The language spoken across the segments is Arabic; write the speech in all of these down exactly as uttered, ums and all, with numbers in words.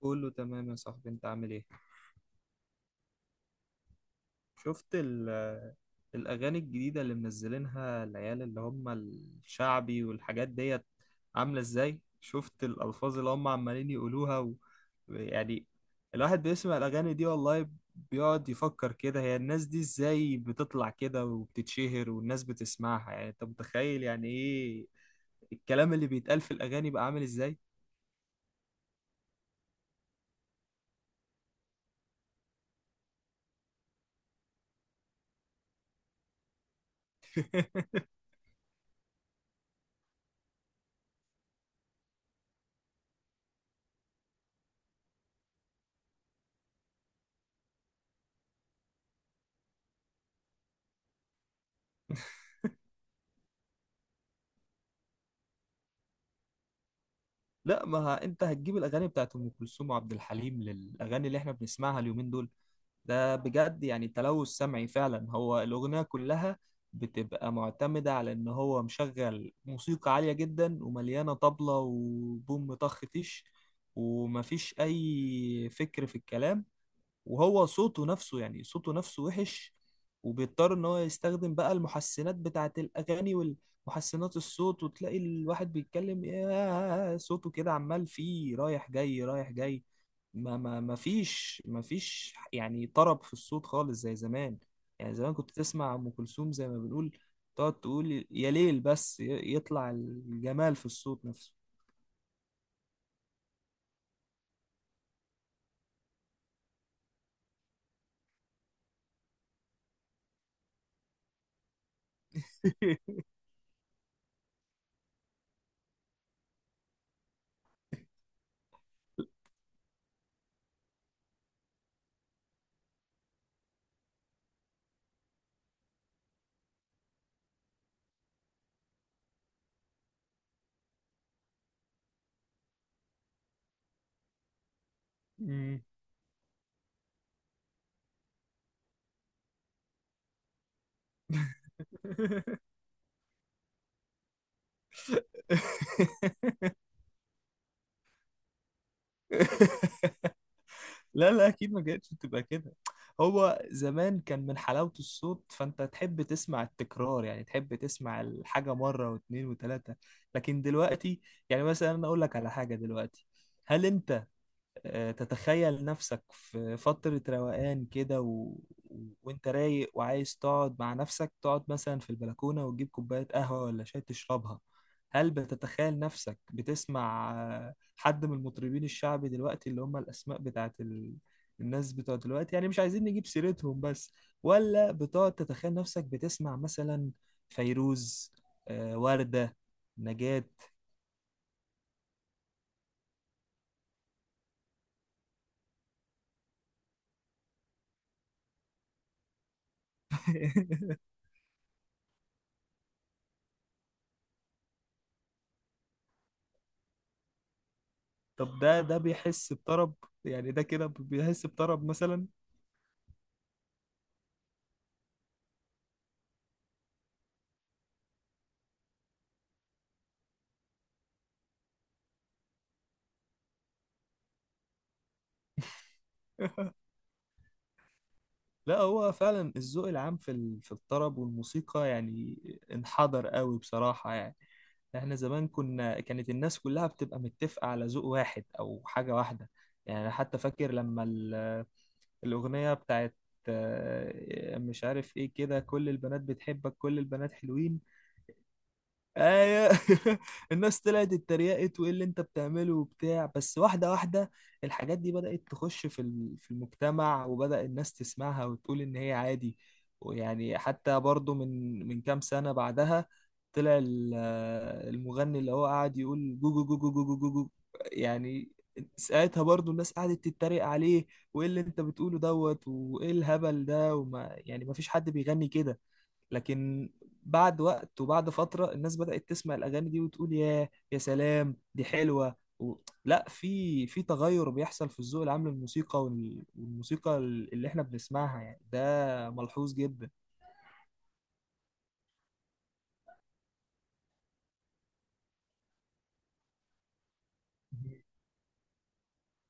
كله تمام يا صاحبي، انت عامل ايه؟ شفت ال- الاغاني الجديده اللي منزلينها العيال اللي هم الشعبي والحاجات ديت عامله ازاي؟ شفت الالفاظ اللي هم عمالين يقولوها و... يعني الواحد بيسمع الاغاني دي والله بيقعد يفكر كده، هي الناس دي ازاي بتطلع كده وبتتشهر والناس بتسمعها؟ يعني انت متخيل يعني ايه الكلام اللي بيتقال في الاغاني بقى عامل ازاي؟ لا، ما ه- انت هتجيب الاغاني بتاعت ام كلثوم وعبد الحليم للاغاني اللي احنا بنسمعها اليومين دول؟ ده بجد يعني تلوث سمعي فعلا. هو الاغنيه كلها بتبقى معتمده على ان هو مشغل موسيقى عاليه جدا ومليانه طبله وبوم طخ تيش، ومفيش اي فكر في الكلام. وهو صوته نفسه، يعني صوته نفسه وحش، وبيضطر ان هو يستخدم بقى المحسنات بتاعه الاغاني والمحسنات الصوت. وتلاقي الواحد بيتكلم يا صوته كده عمال فيه رايح جاي رايح جاي. ما ما ما فيش ما فيش يعني طرب في الصوت خالص زي زمان. يعني زمان كنت تسمع ام كلثوم زي ما بنقول تقعد تقول يا ليل، بس ي- يطلع الجمال في الصوت نفسه. مم. لا، لا، اكيد ما كانتش بتبقى كده. هو زمان كان من حلاوة الصوت فانت تحب تسمع التكرار، يعني تحب تسمع الحاجة مرة واثنين وثلاثة. لكن دلوقتي، يعني مثلا انا اقول لك على حاجة دلوقتي، هل انت آه، تتخيل نفسك في فترة روقان كده، و... وانت رايق وعايز تقعد مع نفسك، تقعد مثلا في البلكونة وتجيب كوباية قهوة ولا شاي تشربها، هل بتتخيل نفسك بتسمع آه، حد من المطربين الشعبي دلوقتي اللي هم الأسماء بتاعت ال... الناس بتوع دلوقتي، يعني مش عايزين نجيب سيرتهم بس، ولا بتقعد تتخيل نفسك بتسمع مثلا فيروز، آه، وردة، نجاة؟ طب ده ده بيحس بطرب؟ يعني ده كده بيحس بطرب مثلا؟ لا، هو فعلا الذوق العام في ال- في الطرب والموسيقى يعني انحدر قوي بصراحة يعني. احنا زمان كنا كانت الناس كلها بتبقى متفقة على ذوق واحد او حاجة واحدة. يعني أنا حتى فاكر لما ال- الأغنية بتاعت آه، مش عارف ايه كده، كل البنات بتحبك كل البنات حلوين. ايوه، الناس طلعت اتريقت وايه اللي انت بتعمله وبتاع بس واحده واحده. الحاجات دي بدات تخش في ال- في المجتمع، وبدا الناس تسمعها وتقول ان هي عادي. ويعني حتى برضو من من كام سنه بعدها طلع ال- المغني اللي هو قاعد يقول جو جو جو جو جو جو جو جو. يعني ساعتها برضو الناس قعدت تتريق عليه، وايه اللي انت بتقوله دوت وايه الهبل ده، وما يعني ما فيش حد بيغني كده. لكن بعد وقت وبعد فترة الناس بدأت تسمع الأغاني دي وتقول يا يا سلام دي حلوة و... لا، في في تغير بيحصل في الذوق العام للموسيقى وال... والموسيقى اللي احنا بنسمعها، يعني ده ملحوظ جدا.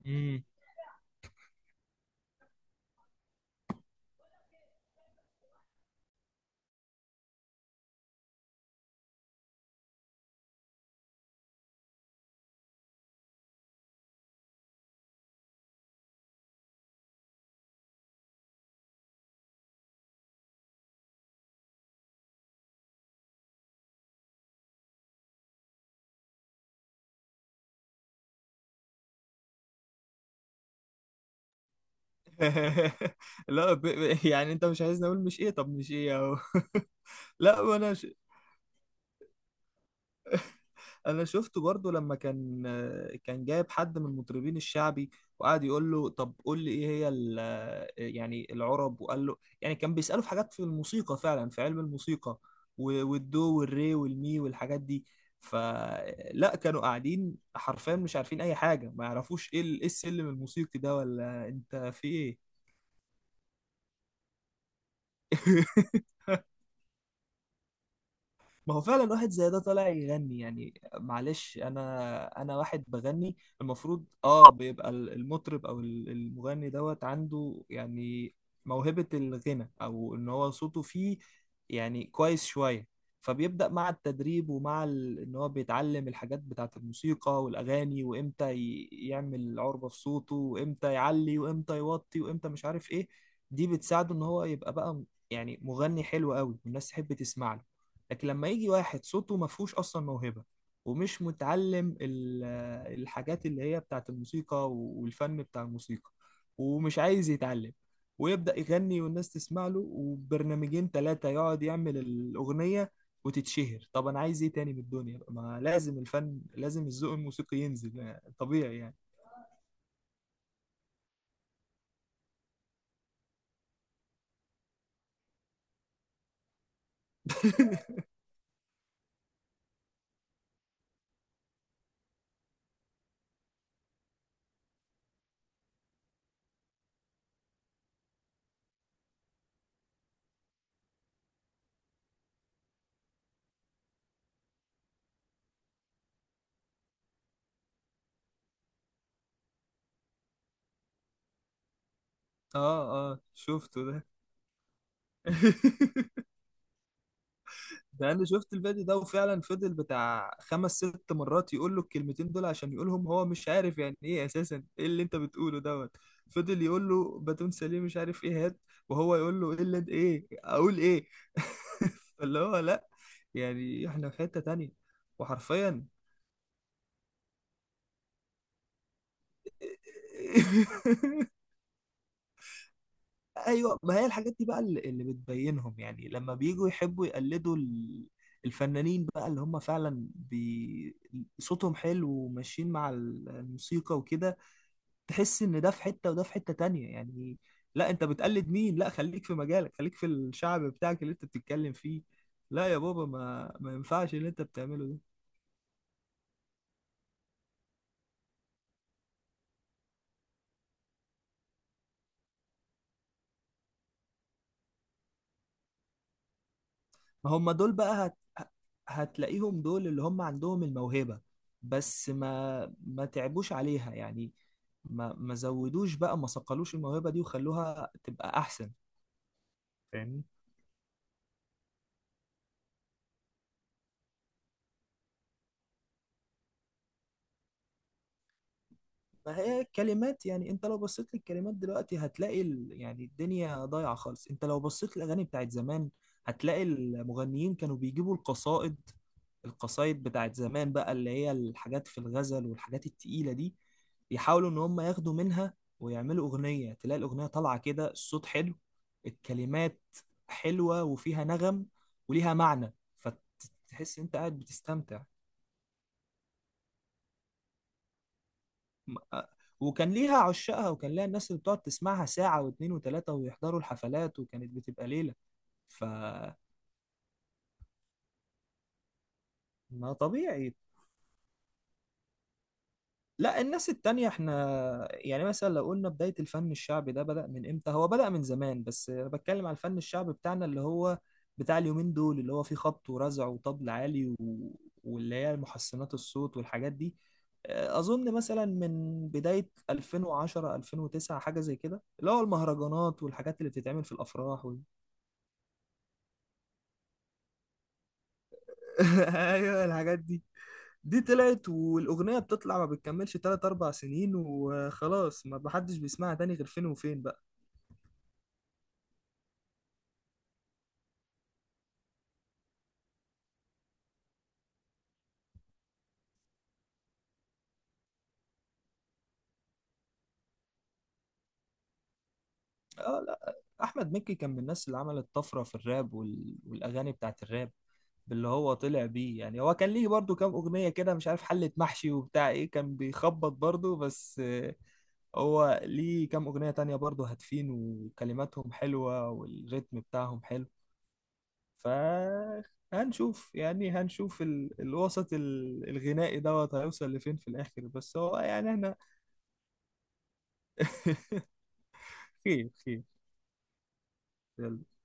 مم. لا ب... ب- يعني انت مش عايزني اقول مش ايه؟ طب مش ايه اهو. لا انا، انا شفته برضو لما كان كان جايب حد من المطربين الشعبي وقعد يقول له طب قول لي ايه هي ال- يعني العرب، وقال له، يعني كان بيسأله في حاجات في الموسيقى فعلا في علم الموسيقى، و- والدو والري والمي والحاجات دي، فلا كانوا قاعدين حرفيا مش عارفين اي حاجة، ما يعرفوش ايه ال- إيه السلم الموسيقي ده ولا انت في ايه. ما هو فعلا واحد زي ده طالع يغني، يعني معلش، انا انا واحد بغني المفروض اه بيبقى ال- المطرب او ال- المغني دوت عنده يعني موهبة الغنى او ان هو صوته فيه يعني كويس شوية، فبيبدأ مع التدريب ومع ال... ان هو بيتعلم الحاجات بتاعة الموسيقى والاغاني، وامتى ي... يعمل عربة في صوته، وامتى يعلي وامتى يوطي وامتى مش عارف ايه. دي بتساعده ان هو يبقى بقى يعني مغني حلو قوي والناس تحب تسمع له. لكن لما يجي واحد صوته ما فيهوش اصلا موهبه، ومش متعلم ال- الحاجات اللي هي بتاعت الموسيقى والفن بتاع الموسيقى، ومش عايز يتعلم، ويبدأ يغني والناس تسمع له وبرنامجين ثلاثة يقعد يعمل الأغنية وتتشهر. طب أنا عايز إيه تاني من الدنيا؟ ما لازم الفن لازم الذوق الموسيقي ينزل يعني طبيعي يعني. آه، آه شفته ده. ده انا شفت الفيديو ده وفعلا فضل بتاع خمس ست مرات يقول له الكلمتين دول عشان يقولهم، هو مش عارف يعني ايه اساسا ايه اللي انت بتقوله دوت. فضل يقول له باتون سليم مش عارف ايه هات، وهو يقول له ايه اللي انت ايه اقول ايه. فاللي هو لا، يعني احنا في حتة تانية وحرفيا. ايوه، ما هي الحاجات دي بقى اللي اللي بتبينهم يعني لما بييجوا يحبوا يقلدوا ال- الفنانين بقى اللي هم فعلا بي... صوتهم حلو وماشيين مع ال- الموسيقى وكده. تحس ان ده في حتة وده في حتة تانية يعني. لا انت بتقلد مين؟ لا خليك في مجالك، خليك في الشعب بتاعك اللي انت بتتكلم فيه، لا يا بابا ما ما ينفعش اللي انت بتعمله ده. ما هم دول بقى هت... هتلاقيهم دول اللي هم عندهم الموهبة، بس ما ما تعبوش عليها يعني، ما ما زودوش بقى ما صقلوش الموهبة دي وخلوها تبقى أحسن. فاهمني؟ ما هي كلمات، يعني انت لو بصيت للكلمات دلوقتي هتلاقي ال... يعني الدنيا ضايعة خالص. انت لو بصيت للاغاني بتاعت زمان هتلاقي المغنيين كانوا بيجيبوا القصائد، القصائد بتاعت زمان بقى اللي هي الحاجات في الغزل والحاجات التقيلة دي، يحاولوا ان هم ياخدوا منها ويعملوا اغنية. تلاقي الاغنية طالعة كده، الصوت حلو، الكلمات حلوة وفيها نغم وليها معنى. فتحس انت قاعد بتستمتع. م- آه، وكان ليها عشاقها وكان ليها الناس اللي بتقعد تسمعها ساعة واتنين وتلاتة ويحضروا الحفلات وكانت بتبقى ليلة. ف ما طبيعي. لا الناس التانية احنا، يعني مثلا لو قلنا بداية الفن الشعبي ده بدأ من امتى؟ هو بدأ من زمان، بس انا بتكلم على الفن الشعبي بتاعنا اللي هو بتاع اليومين دول اللي هو فيه خبط ورزع وطبل عالي و... واللي هي محسنات الصوت والحاجات دي. اه، اظن مثلا من بداية ألفين وعشرة ألفين وتسعة حاجة زي كده، اللي هو المهرجانات والحاجات اللي بتتعمل في الافراح وال... ايوه الحاجات دي دي طلعت والاغنية بتطلع ما بتكملش تلات أربع سنين وخلاص، ما حدش بيسمعها تاني غير فين وفين. آه لا، احمد مكي كان من الناس اللي عملت طفره في الراب وال... والاغاني بتاعت الراب، باللي هو طلع بيه. يعني هو كان ليه برضو كام اغنيه كده مش عارف حله محشي وبتاع ايه، كان بيخبط برضو بس آه، هو ليه كام اغنيه تانية برضو هادفين وكلماتهم حلوه والريتم بتاعهم حلو. ف هنشوف يعني هنشوف ال... الوسط ال... الغنائي دوت هيوصل لفين في الاخر، بس هو يعني احنا خير خير. يلا.